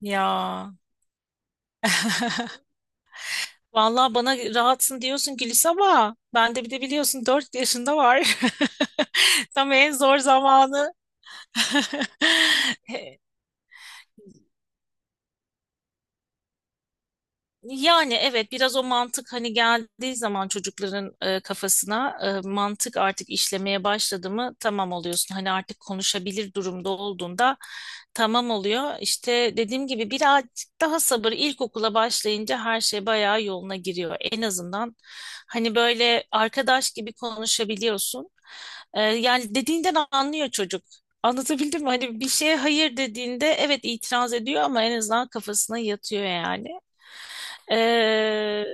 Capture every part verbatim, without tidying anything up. Ya. Vallahi bana rahatsın diyorsun Gülis ama ben de bir de biliyorsun dört yaşında var. Tam en zor zamanı. Yani evet, biraz o mantık hani geldiği zaman çocukların e, kafasına, e, mantık artık işlemeye başladı mı tamam oluyorsun. Hani artık konuşabilir durumda olduğunda tamam oluyor. İşte dediğim gibi birazcık daha sabır, ilkokula başlayınca her şey bayağı yoluna giriyor. En azından hani böyle arkadaş gibi konuşabiliyorsun. E, yani dediğinden anlıyor çocuk. Anlatabildim mi? Hani bir şeye hayır dediğinde evet itiraz ediyor ama en azından kafasına yatıyor yani. Ee,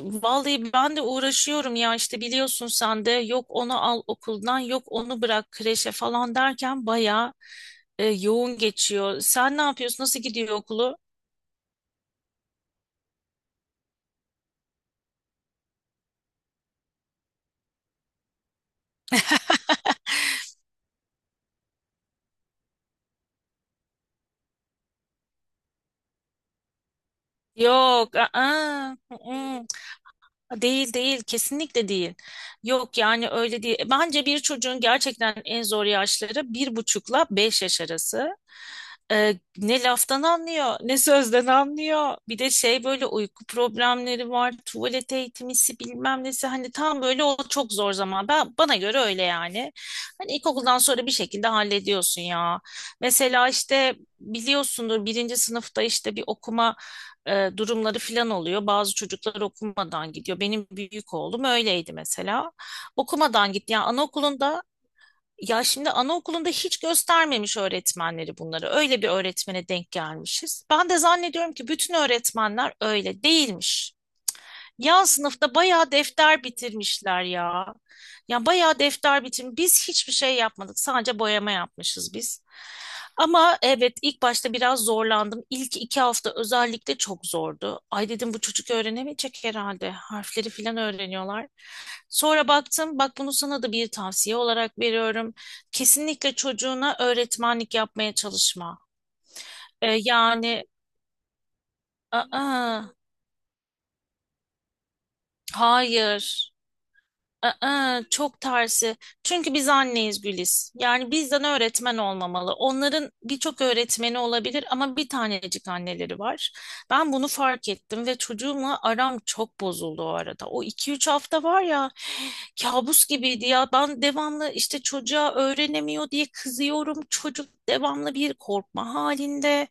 Vallahi ben de uğraşıyorum ya, işte biliyorsun sen de, yok onu al okuldan, yok onu bırak kreşe falan derken bayağı e, yoğun geçiyor. Sen ne yapıyorsun? Nasıl gidiyor okulu? Yok. Aa, Değil, değil, kesinlikle değil. Yok yani öyle değil. Bence bir çocuğun gerçekten en zor yaşları bir buçukla beş yaş arası. Ee, ne laftan anlıyor ne sözden anlıyor. Bir de şey, böyle uyku problemleri var. Tuvalet eğitimisi bilmem nesi. Hani tam böyle o çok zor zaman. Ben, bana göre öyle yani. Hani ilkokuldan sonra bir şekilde hallediyorsun ya. Mesela işte biliyorsundur, birinci sınıfta işte bir okuma e, durumları filan oluyor. Bazı çocuklar okumadan gidiyor. Benim büyük oğlum öyleydi mesela. Okumadan gitti. Yani anaokulunda, ya şimdi anaokulunda hiç göstermemiş öğretmenleri bunları. Öyle bir öğretmene denk gelmişiz. Ben de zannediyorum ki bütün öğretmenler öyle değilmiş. Ya sınıfta bayağı defter bitirmişler ya. Ya bayağı defter bitirmiş. Biz hiçbir şey yapmadık. Sadece boyama yapmışız biz. Ama evet, ilk başta biraz zorlandım. İlk iki hafta özellikle çok zordu. Ay dedim, bu çocuk öğrenemeyecek herhalde. Harfleri falan öğreniyorlar. Sonra baktım, bak bunu sana da bir tavsiye olarak veriyorum. Kesinlikle çocuğuna öğretmenlik yapmaya çalışma. Ee, yani aa, hayır. Aa, çok tersi. Çünkü biz anneyiz Güliz. Yani bizden öğretmen olmamalı. Onların birçok öğretmeni olabilir ama bir tanecik anneleri var. Ben bunu fark ettim ve çocuğumla aram çok bozuldu o arada. O iki üç hafta var ya, kabus gibiydi ya. Ben devamlı işte çocuğa öğrenemiyor diye kızıyorum. Çocuk devamlı bir korkma halinde.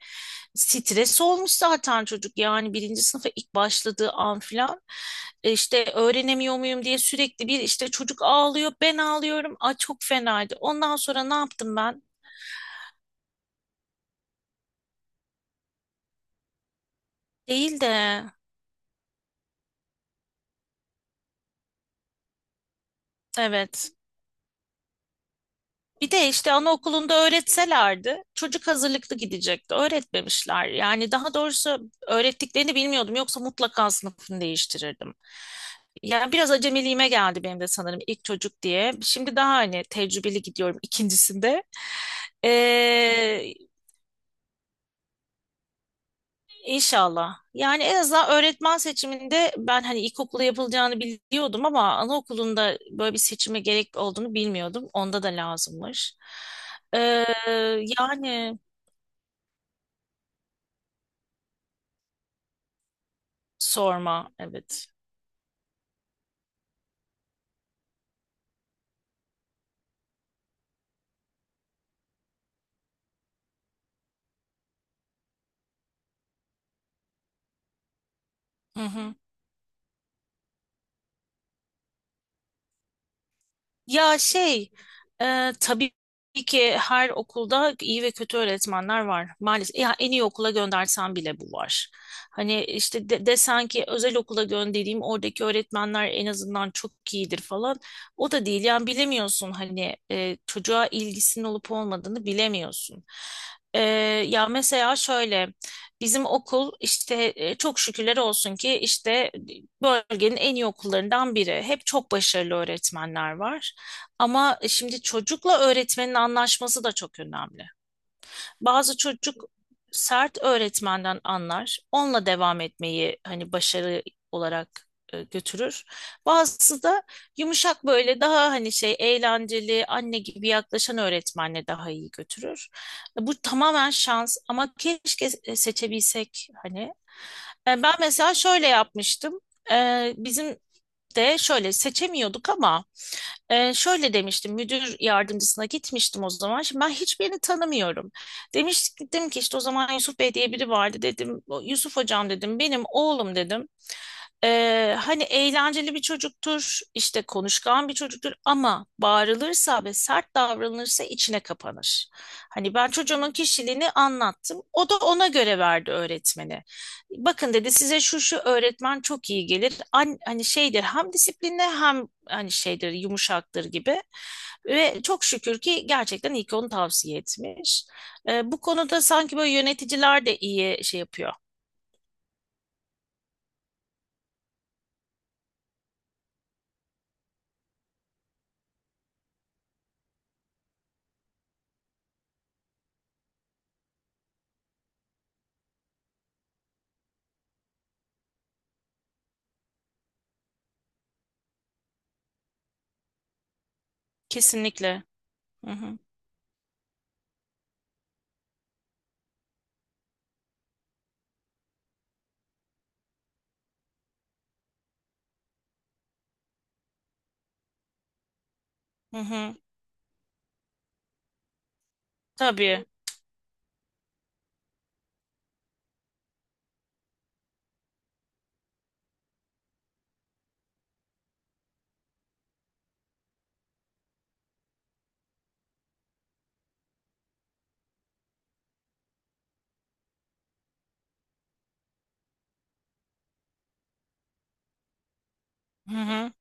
Stres olmuş zaten çocuk, yani birinci sınıfa ilk başladığı an filan. E, İşte öğrenemiyor muyum diye sürekli, bir işte çocuk ağlıyor ben ağlıyorum. Ay çok fenaydı. Ondan sonra ne yaptım ben? Değil de evet. Bir de işte anaokulunda öğretselerdi çocuk hazırlıklı gidecekti. Öğretmemişler. Yani daha doğrusu öğrettiklerini bilmiyordum. Yoksa mutlaka sınıfını değiştirirdim. Yani biraz acemiliğime geldi benim de sanırım ilk çocuk diye. Şimdi daha hani tecrübeli gidiyorum ikincisinde. Ee, inşallah. Yani en azından öğretmen seçiminde ben hani ilkokulda yapılacağını biliyordum ama anaokulunda böyle bir seçime gerek olduğunu bilmiyordum. Onda da lazımmış. Ee, yani Sorma, evet. Hı hı. Ya şey, e, tabii ki her okulda iyi ve kötü öğretmenler var. Maalesef ya en iyi okula göndersen bile bu var. Hani işte de, desen ki özel okula göndereyim, oradaki öğretmenler en azından çok iyidir falan. O da değil yani, bilemiyorsun hani e, çocuğa ilgisinin olup olmadığını bilemiyorsun. E, Ya mesela şöyle, bizim okul işte, e, çok şükürler olsun ki işte bölgenin en iyi okullarından biri. Hep çok başarılı öğretmenler var. Ama e, şimdi çocukla öğretmenin anlaşması da çok önemli. Bazı çocuk sert öğretmenden anlar, onunla devam etmeyi hani başarı olarak e, götürür. Bazısı da yumuşak, böyle daha hani şey, eğlenceli anne gibi yaklaşan öğretmenle daha iyi götürür. E, Bu tamamen şans ama keşke e, seçebilsek hani. E, Ben mesela şöyle yapmıştım. E, Bizim de şöyle seçemiyorduk ama ee, şöyle demiştim, müdür yardımcısına gitmiştim o zaman. Şimdi ben hiçbirini tanımıyorum. Demiştim ki işte, o zaman Yusuf Bey diye biri vardı dedim. "O Yusuf hocam dedim, benim oğlum dedim. Ee, hani eğlenceli bir çocuktur, işte konuşkan bir çocuktur ama bağırılırsa ve sert davranılırsa içine kapanır. Hani ben çocuğumun kişiliğini anlattım. O da ona göre verdi öğretmeni. Bakın dedi, size şu şu öğretmen çok iyi gelir. An- hani şeydir, hem disiplinli hem hani şeydir, yumuşaktır gibi. Ve çok şükür ki gerçekten iyi ki onu tavsiye etmiş. Ee, bu konuda sanki böyle yöneticiler de iyi şey yapıyor. Kesinlikle. Hı hı. Hı hı. Tabii. Hı hı.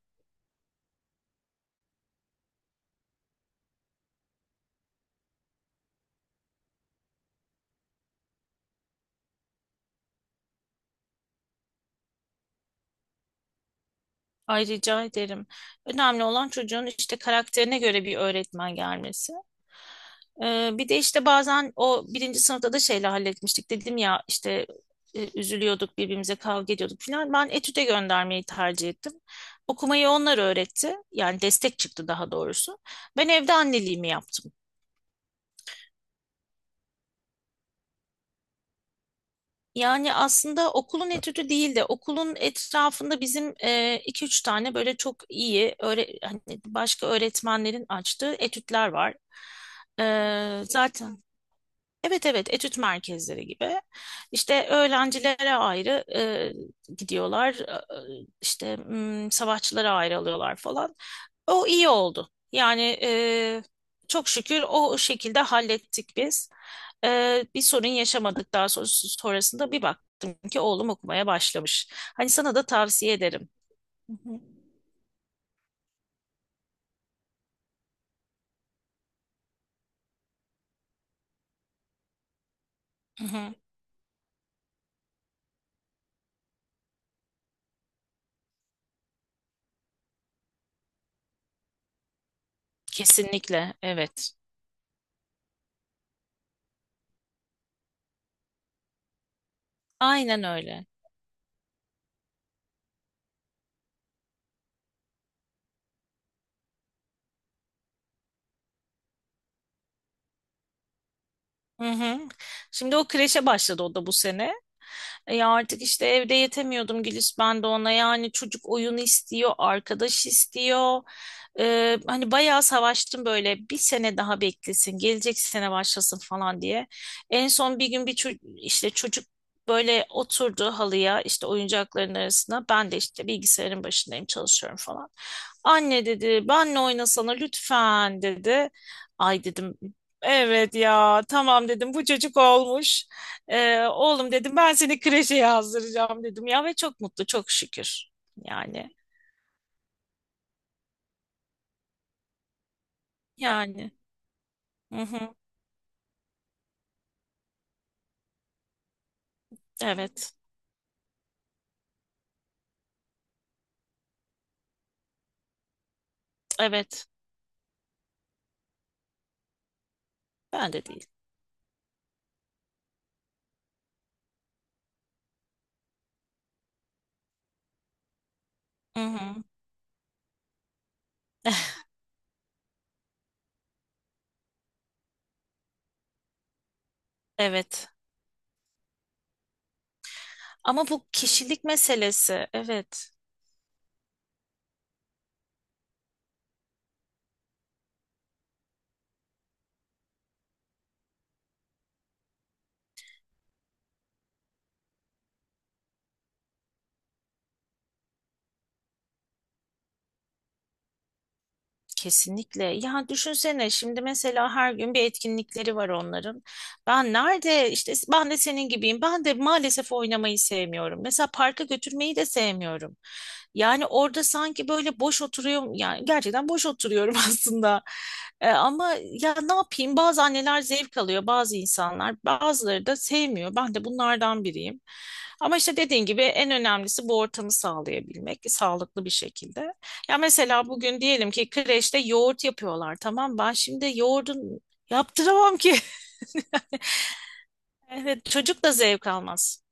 Ay rica ederim. Önemli olan çocuğun işte karakterine göre bir öğretmen gelmesi. Ee, bir de işte bazen o birinci sınıfta da şeyle halletmiştik. Dedim ya işte e, üzülüyorduk, birbirimize kavga ediyorduk falan. Ben etüde göndermeyi tercih ettim. Okumayı onlar öğretti. Yani destek çıktı daha doğrusu. Ben evde anneliğimi yaptım. Yani aslında okulun etüdü değil de okulun etrafında bizim e, iki üç tane böyle çok iyi öğre- hani başka öğretmenlerin açtığı etütler var. E, zaten Evet, evet, etüt merkezleri gibi. İşte öğrencilere ayrı e, gidiyorlar. E, işte m, savaşçılara ayrı alıyorlar falan. O iyi oldu. Yani, e, çok şükür o şekilde hallettik biz. E, bir sorun yaşamadık daha sonra, sonrasında bir baktım ki oğlum okumaya başlamış. Hani sana da tavsiye ederim. Hı hı. Hı hı. Kesinlikle, evet. Aynen öyle. Hı hı. Şimdi o kreşe başladı, o da bu sene. E ya artık işte evde yetemiyordum Gülis, ben de ona, yani çocuk oyun istiyor, arkadaş istiyor. E, hani bayağı savaştım, böyle bir sene daha beklesin, gelecek sene başlasın falan diye. En son bir gün bir ço- işte çocuk böyle oturdu halıya, işte oyuncakların arasına. Ben de işte bilgisayarın başındayım, çalışıyorum falan. Anne dedi, benle oynasana lütfen dedi. Ay dedim, evet ya, tamam dedim, bu çocuk olmuş. Ee, oğlum dedim, ben seni kreşe yazdıracağım dedim ya, ve çok mutlu, çok şükür. Yani yani hı hı, evet, evet, ben de değil. Hı hı, evet ama bu kişilik meselesi, evet. Kesinlikle. Ya düşünsene şimdi, mesela her gün bir etkinlikleri var onların. Ben nerede işte, ben de senin gibiyim. Ben de maalesef oynamayı sevmiyorum. Mesela parka götürmeyi de sevmiyorum. Yani orada sanki böyle boş oturuyorum. Yani gerçekten boş oturuyorum aslında. E, ama ya ne yapayım? Bazı anneler zevk alıyor, bazı insanlar, bazıları da sevmiyor. Ben de bunlardan biriyim. Ama işte dediğin gibi en önemlisi bu ortamı sağlayabilmek, sağlıklı bir şekilde. Ya mesela bugün diyelim ki kreşte yoğurt yapıyorlar, tamam, ben şimdi yoğurdun yaptıramam ki. Evet, çocuk da zevk almaz.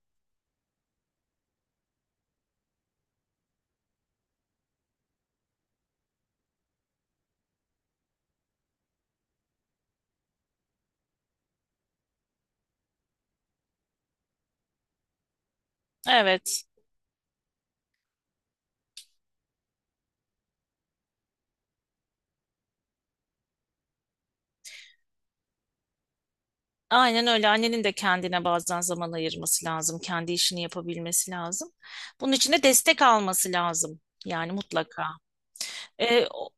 Evet, aynen öyle. Annenin de kendine bazen zaman ayırması lazım. Kendi işini yapabilmesi lazım. Bunun için de destek alması lazım. Yani mutlaka. Ee, o,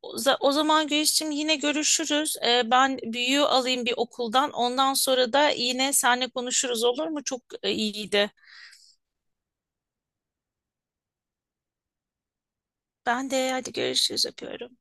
O zaman Gülsüm, yine görüşürüz. Ee, ben büyüğü alayım bir okuldan. Ondan sonra da yine seninle konuşuruz, olur mu? Çok e, iyiydi. Ben de hadi görüşürüz, öpüyorum.